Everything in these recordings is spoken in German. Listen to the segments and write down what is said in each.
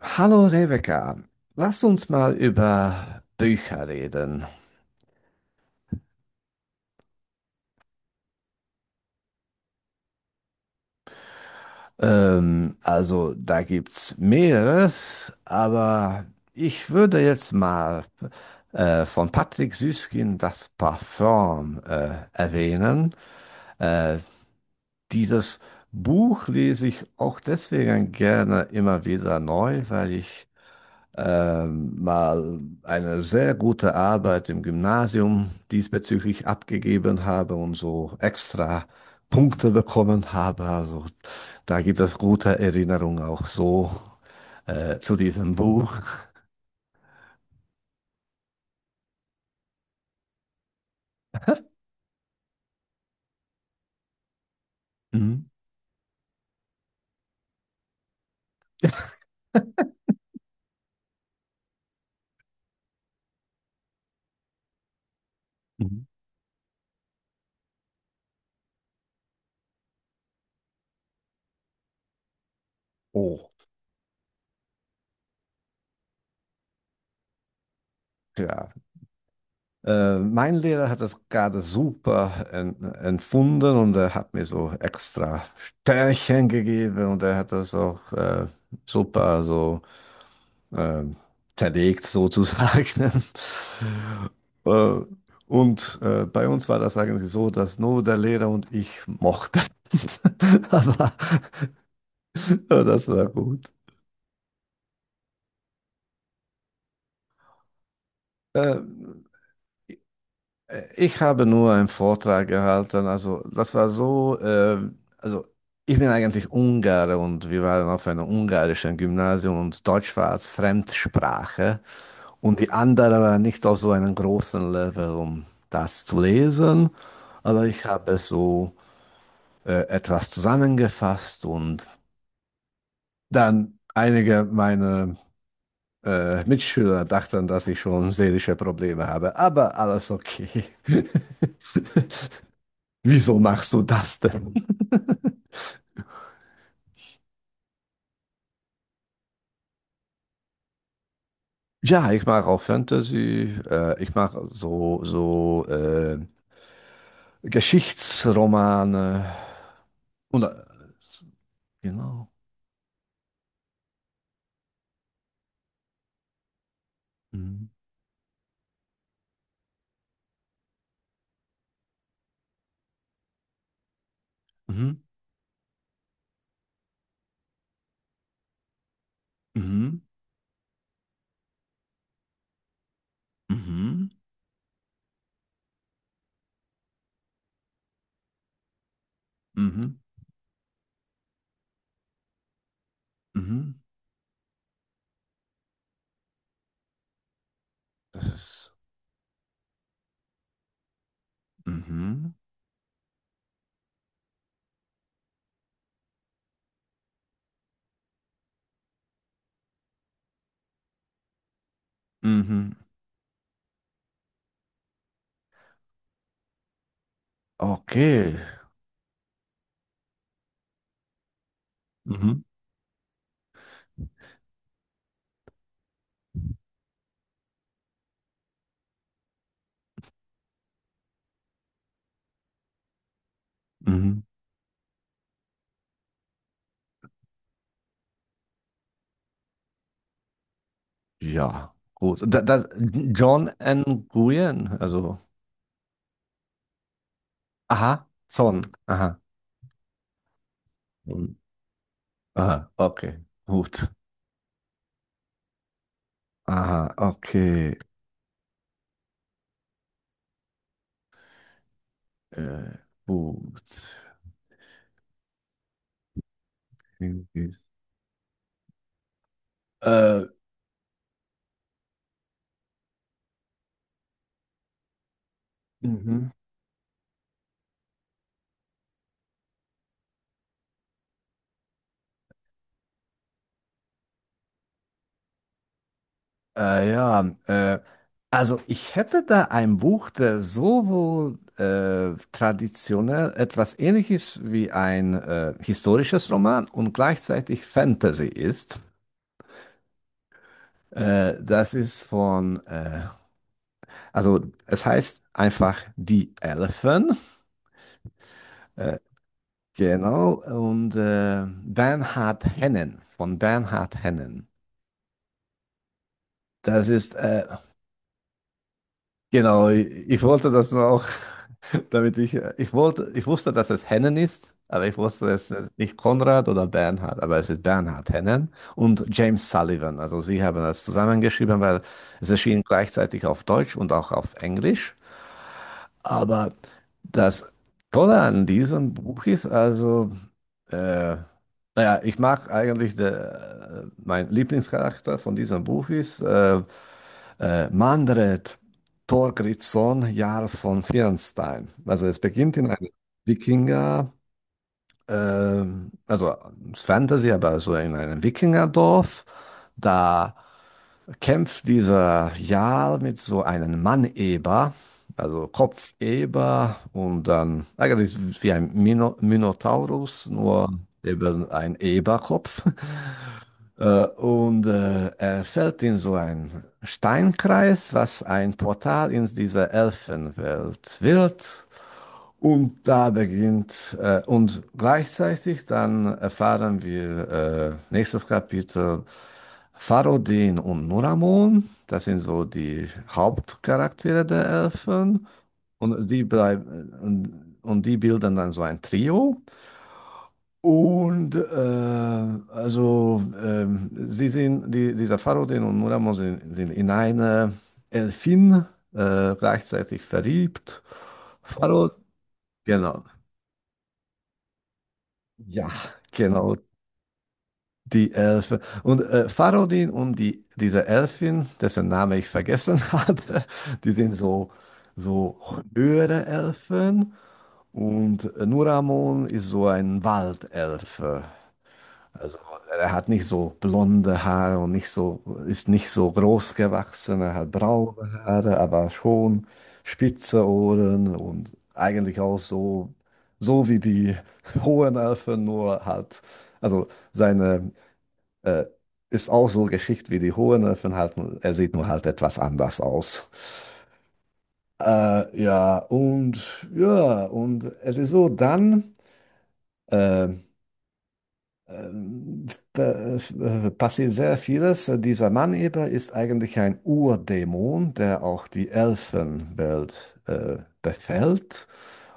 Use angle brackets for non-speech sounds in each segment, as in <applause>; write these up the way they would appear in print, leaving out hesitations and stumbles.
Hallo Rebecca, lass uns mal über Bücher reden. Also da gibt's mehreres, aber ich würde jetzt mal von Patrick Süskind das Parfum erwähnen. Äh, Dieses Buch lese ich auch deswegen gerne immer wieder neu, weil ich mal eine sehr gute Arbeit im Gymnasium diesbezüglich abgegeben habe und so extra Punkte bekommen habe. Also da gibt es gute Erinnerungen auch so zu diesem Buch. Mhm. Mhm. Oh, ja. Mein Lehrer hat das gerade super en empfunden, und er hat mir so extra Sternchen gegeben, und er hat das auch super so äh, zerlegt sozusagen. <laughs> äh, Bei uns war das eigentlich so, dass nur der Lehrer und ich mochten. <laughs> Aber <laughs> das war gut. Äh, Ich habe nur einen Vortrag gehalten, also das war so, also ich bin eigentlich Ungare, und wir waren auf einem ungarischen Gymnasium und Deutsch war als Fremdsprache, und die anderen waren nicht auf so einem großen Level, um das zu lesen, aber ich habe es so etwas zusammengefasst, und dann einige meiner Mitschüler dachten, dass ich schon seelische Probleme habe, aber alles okay. <laughs> Wieso machst du das denn? <laughs> Ja, ich mag auch Fantasy. Ich mag so, so Geschichtsromane. Und, äh, genau. Mhm. Mhm. Mhm. Mhm. Mhm. Mhm. Das ist. Mhm. Mhm. Okay. Mhm. Mhm. Ja, gut. Da, das, John N. Nguyen. Also. Aha. Son. Aha. Und- aha. Okay. Gut. Aha, okay. Äh, gut. Äh, mhm. Äh, ja, äh, also ich hätte da ein Buch, der sowohl traditionell etwas Ähnliches wie ein historisches Roman und gleichzeitig Fantasy ist. Das ist von, also es heißt einfach Die Elfen. Äh, genau, und Bernhard Hennen, von Bernhard Hennen. Das ist, genau, ich wollte das nur auch, <laughs> damit ich, ich wusste, dass es Hennen ist, aber ich wusste, es ist nicht Konrad oder Bernhard, aber es ist Bernhard Hennen und James Sullivan. Also sie haben das zusammengeschrieben, weil es erschien gleichzeitig auf Deutsch und auch auf Englisch. Aber das Tolle an diesem Buch ist also, äh, naja, ich mag eigentlich, der, mein Lieblingscharakter von diesem Buch ist, Manfred Thorgrímsson, Jarl von Fjernstein. Also es beginnt in einem Wikinger, also Fantasy, aber so in einem Wikingerdorf. Da kämpft dieser Jarl mit so einem Mann-Eber, also Kopfeber und dann eigentlich wie ein Minotaurus, nur eben ein Eberkopf. Er fällt in so einen Steinkreis, was ein Portal in diese Elfenwelt wird. Und da beginnt, und gleichzeitig dann erfahren wir, nächstes Kapitel, Farodin und Nuramon, das sind so die Hauptcharaktere der Elfen. Und die bleiben, und, und die bilden dann so ein Trio. Und äh, also dieser Farodin und Murano sind in eine Elfin gleichzeitig verliebt. Oh, Farod, genau, ja, genau, die Elfe. Und Farodin und die, diese Elfin, dessen Name ich vergessen <laughs> hatte, die sind so, so höhere Elfen. Und Nuramon ist so ein Waldelfe. Also er hat nicht so blonde Haare und nicht so, ist nicht so groß gewachsen, er hat braune Haare, aber schon spitze Ohren und eigentlich auch so, so wie die <laughs> hohen Elfen, nur halt, also seine äh, ist auch so geschickt wie die hohen Elfen halt, nur- er sieht nur halt etwas anders aus. Und es ist so, dann. Äh, ähm, passiert sehr vieles. Dieser Mann eben ist eigentlich ein Urdämon, der auch die Elfenwelt befällt.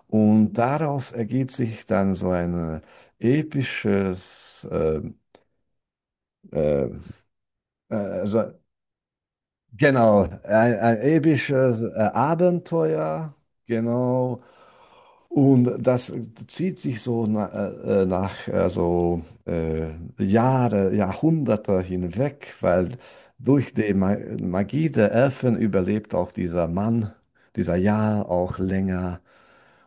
Und daraus ergibt sich dann so ein episches, äh, äh, so, genau, ein episches Abenteuer, genau. Und das zieht sich so Jahre, Jahrhunderte hinweg, weil durch die Ma Magie der Elfen überlebt auch dieser Mann, dieser Jarl auch länger.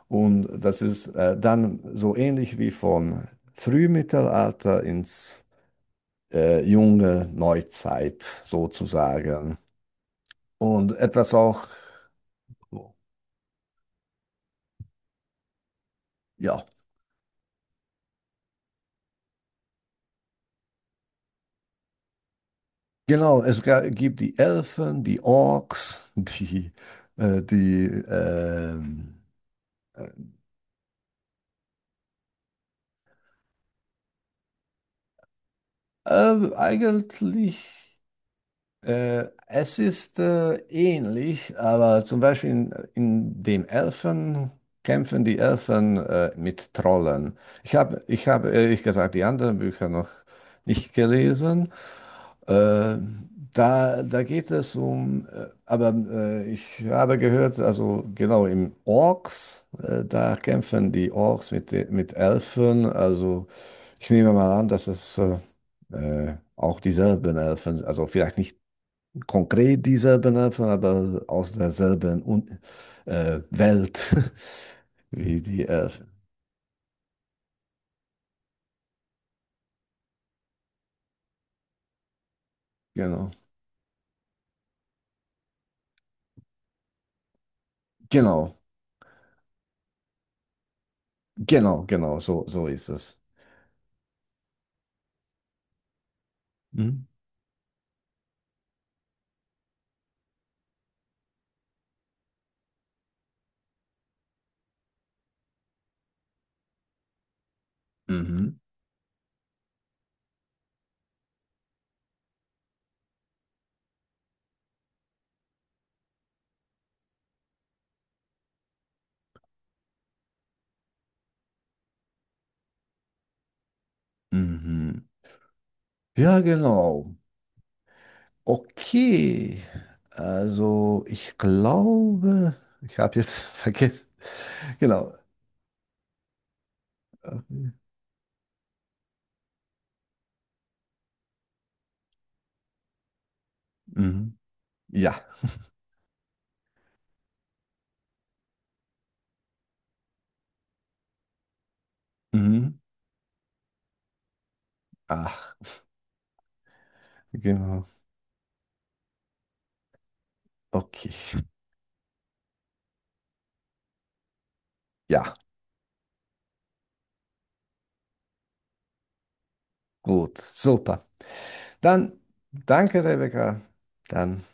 Und das ist dann so ähnlich wie vom Frühmittelalter ins junge Neuzeit sozusagen. Und etwas auch, ja. Genau, gibt die Elfen, die Orks, <laughs> äh, die ähm, äh, eigentlich, es ist ähnlich, aber zum Beispiel in dem Elfen kämpfen die Elfen mit Trollen. Ich habe ehrlich gesagt die anderen Bücher noch nicht gelesen. Äh, da geht es um, ich habe gehört, also genau im Orks, da kämpfen die Orks mit, mit Elfen. Also ich nehme mal an, dass es auch dieselben Elfen, also vielleicht nicht konkret dieselben Elfen, aber aus derselben Un Welt <laughs> wie die Elfen. Genau, genau, genau, genau, so, so ist es. Mhm. Mhm. Mhm. Ja, genau. Okay. Also, ich glaube, ich habe jetzt <laughs> vergessen. Genau. Mhm. Ja. Mhm. Ach, genau. Okay. Ja, gut. Super. Dann danke, Rebecca. Dann.